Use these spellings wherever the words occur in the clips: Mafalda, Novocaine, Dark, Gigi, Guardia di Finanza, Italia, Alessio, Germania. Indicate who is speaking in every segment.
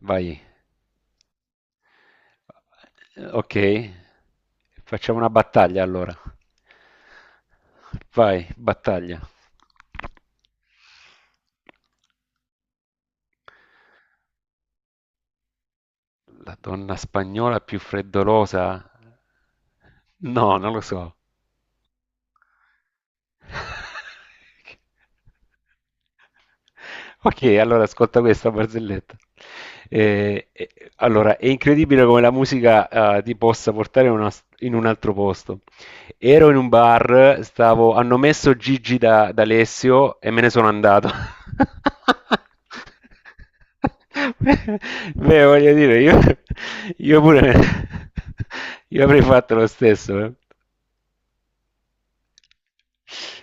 Speaker 1: Vai, ok. Facciamo una battaglia allora. Vai, battaglia. La donna spagnola più freddolosa? No, non lo so. Ok, allora ascolta questa barzelletta. Allora, è incredibile come la musica ti possa portare in un altro posto. Ero in un bar, hanno messo Gigi da Alessio e me ne sono andato. Beh, voglio dire, io pure me- io avrei fatto lo stesso.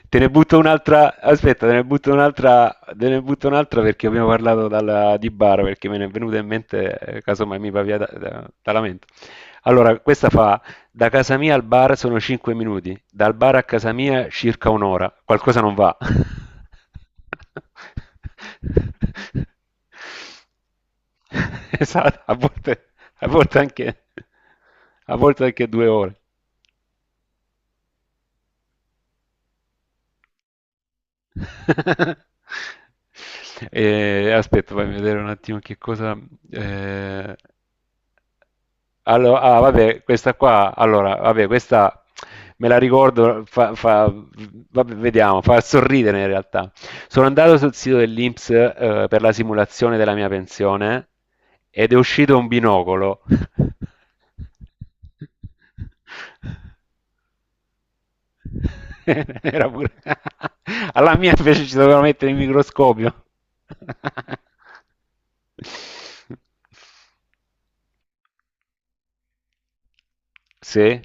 Speaker 1: Te ne butto un'altra, aspetta, te ne butto un'altra perché abbiamo parlato di bar, perché me ne è venuta in mente, casomai mi va via dalla mente. Allora, questa fa: da casa mia al bar sono 5 minuti, dal bar a casa mia circa un'ora, qualcosa non va. Esatto, a volte anche, a volte anche 2 ore. E aspetta, fammi vedere un attimo che cosa. eh, ah, vabbè, questa qua. Allora, vabbè, questa me la ricordo. Vabbè, vediamo, fa sorridere in realtà. Sono andato sul sito dell'INPS, per la simulazione della mia pensione ed è uscito un binocolo. Era pure. Alla mia invece ci dovevano mettere il microscopio. Sì,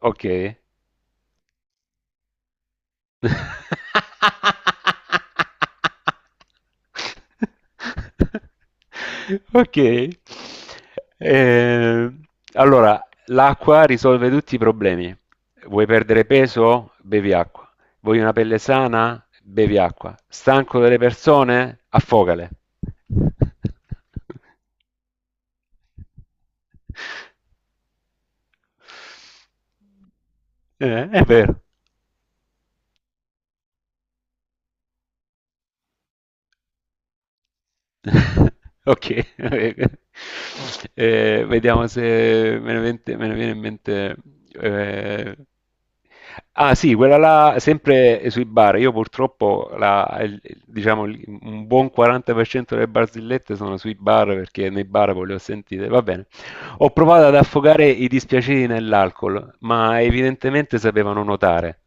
Speaker 1: ok. Ok. Ehm, allora, l'acqua risolve tutti i problemi. Vuoi perdere peso? Bevi acqua. Vuoi una pelle sana? Bevi acqua. Stanco delle persone? Affogale. È vero. Ok. Vediamo se me ne viene in mente. eh, Ah sì, quella là, sempre sui bar. Io purtroppo, diciamo, un buon 40% delle barzellette sono sui bar perché nei bar poi le ho sentite. Va bene. Ho provato ad affogare i dispiaceri nell'alcol, ma evidentemente sapevano nuotare.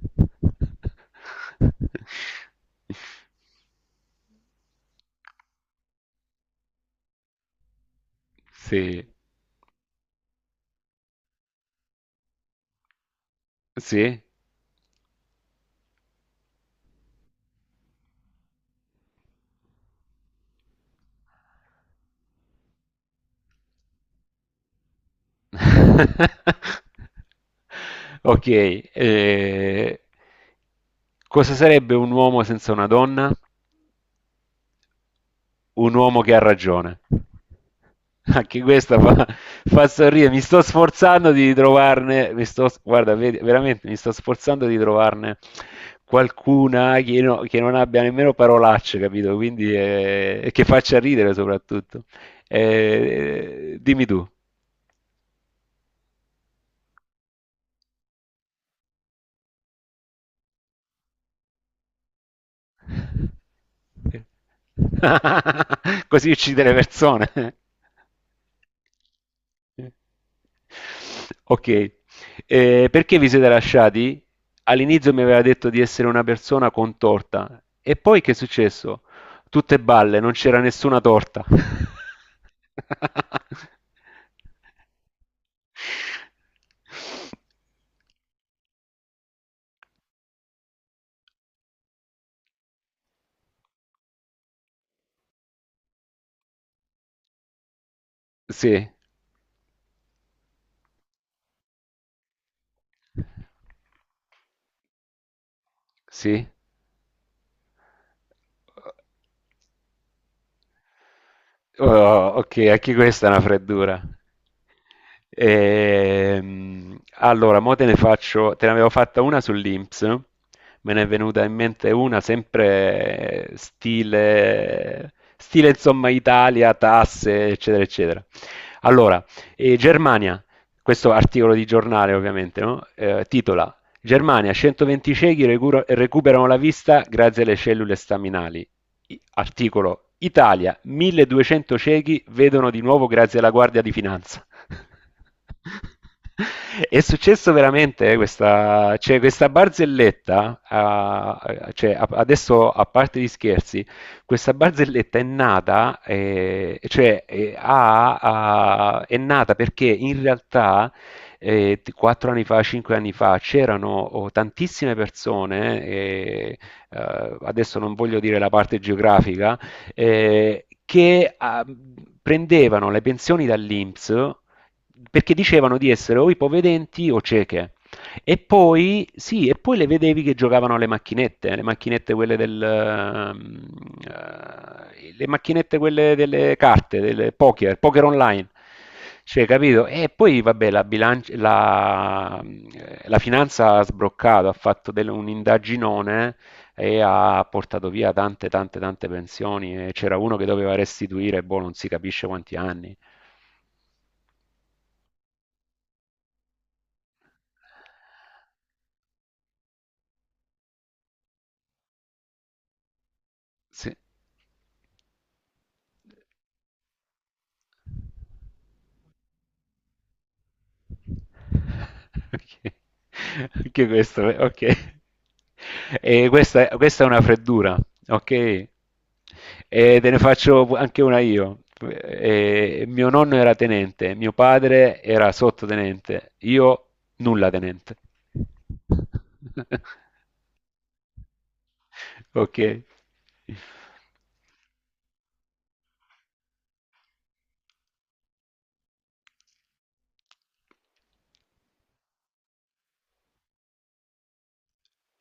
Speaker 1: Sì, sì. Ok, cosa sarebbe un uomo senza una donna? Un uomo che ha ragione. Anche questa fa, fa sorridere. Mi sto sforzando di trovarne, guarda, veramente mi sto sforzando di trovarne qualcuna che, che non abbia nemmeno parolacce, capito? Quindi che faccia ridere soprattutto. Dimmi tu. Sì. Così uccide le persone. Ok. Perché vi siete lasciati? All'inizio mi aveva detto di essere una persona con torta e poi che è successo? Tutte balle, non c'era nessuna torta. Sì, sì. Oh, ok, anche questa è una freddura. Allora, mo te ne faccio, te ne avevo fatta una sull'INPS, no? Me ne è venuta in mente una sempre, stile, insomma Italia, tasse, eccetera, eccetera. Allora, Germania, questo articolo di giornale ovviamente, no? Titola: Germania, 120 ciechi recuperano la vista grazie alle cellule staminali. Articolo: Italia, 1200 ciechi vedono di nuovo grazie alla Guardia di Finanza. È successo veramente, questa, cioè, questa barzelletta, ah, cioè, adesso, a parte gli scherzi, questa barzelletta è nata, cioè, è nata perché in realtà, 4 anni fa, 5 anni fa, c'erano, oh, tantissime persone, adesso non voglio dire la parte geografica, che prendevano le pensioni dall'INPS perché dicevano di essere o ipovedenti o cieche. E poi, sì, e poi le vedevi che giocavano alle macchinette, le macchinette quelle le macchinette quelle delle carte, del poker, poker online. Cioè, capito? E poi, vabbè, la finanza ha sbroccato, ha fatto un indaginone e ha portato via tante, tante, tante pensioni. E c'era uno che doveva restituire, boh, non si capisce quanti anni. Sì. Ok. Anche questo, ok. E questa, questa è una freddura, ok? E te ne faccio anche una io. Mio nonno era tenente, mio padre era sottotenente, io nulla tenente. Ok.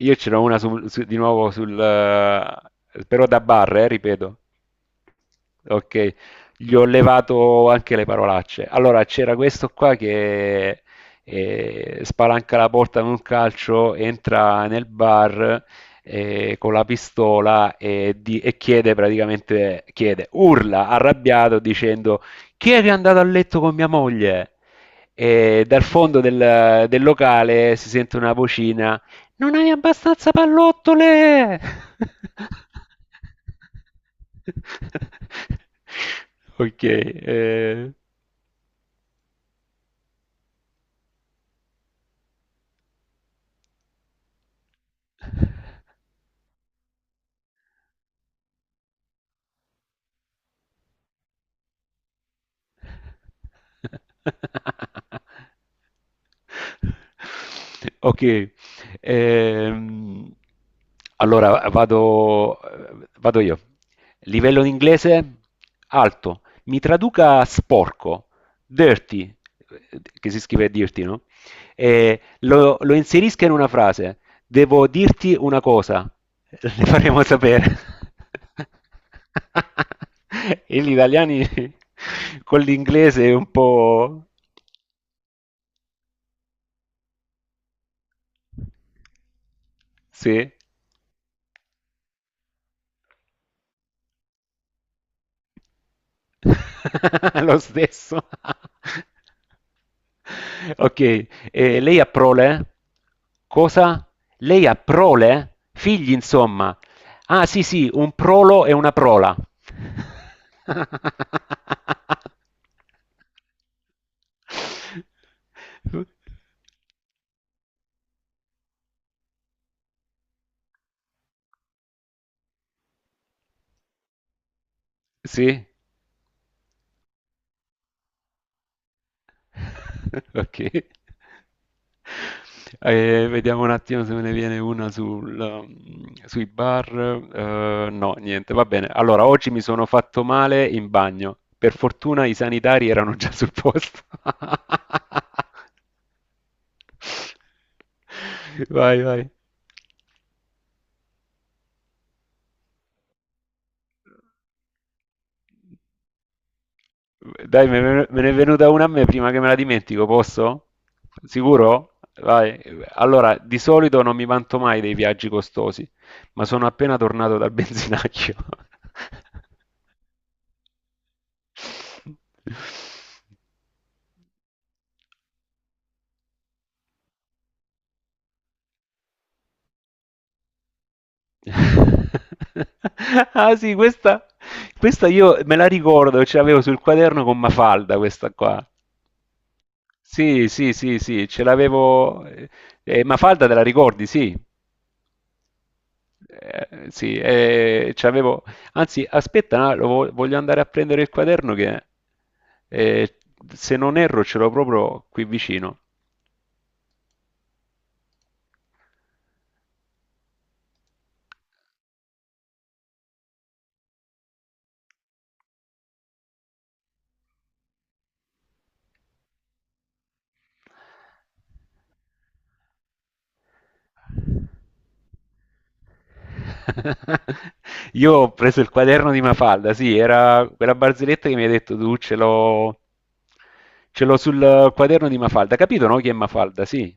Speaker 1: Io ce n'ho una di nuovo però da bar, ripeto. Ok, gli ho levato anche le parolacce. Allora, c'era questo qua che spalanca la porta con un calcio, entra nel bar con la pistola, e chiede praticamente, chiede, urla arrabbiato dicendo: chi è che è andato a letto con mia moglie? E dal fondo del locale si sente una vocina: non hai abbastanza pallottole! Ok. Ok, ehm, allora vado io. Livello in inglese alto. Mi traduca sporco, dirty, che si scrive dirty, no? E lo inserisca in una frase. Devo dirti una cosa, le faremo sapere. E gli italiani con l'inglese è un po'. Sì. Lo stesso. Ok, lei ha prole? Cosa? Lei ha prole? Figli, insomma. Ah, sì, sì, un prolo e una prola. Sì? Ok. Vediamo un attimo se me ne viene una sui bar. No, niente, va bene. Allora, oggi mi sono fatto male in bagno. Per fortuna i sanitari erano già sul posto. Vai, vai. Dai, me ne è venuta una a me prima che me la dimentico, posso? Sicuro? Vai. Allora, di solito non mi vanto mai dei viaggi costosi, ma sono appena tornato dal benzinaccio. Ah sì, questa io me la ricordo, ce l'avevo sul quaderno con Mafalda, questa qua. Sì, sì, sì, sì, ce l'avevo. Mafalda te la ricordi, sì. Sì, c'avevo. Anzi, aspetta, no, lo voglio andare a prendere il quaderno che, eh, se non erro, ce l'ho proprio qui vicino. Io ho preso il quaderno di Mafalda, sì, era quella barzelletta che mi hai detto tu, ce l'ho sul quaderno di Mafalda. Capito, no? Chi è Mafalda? Sì.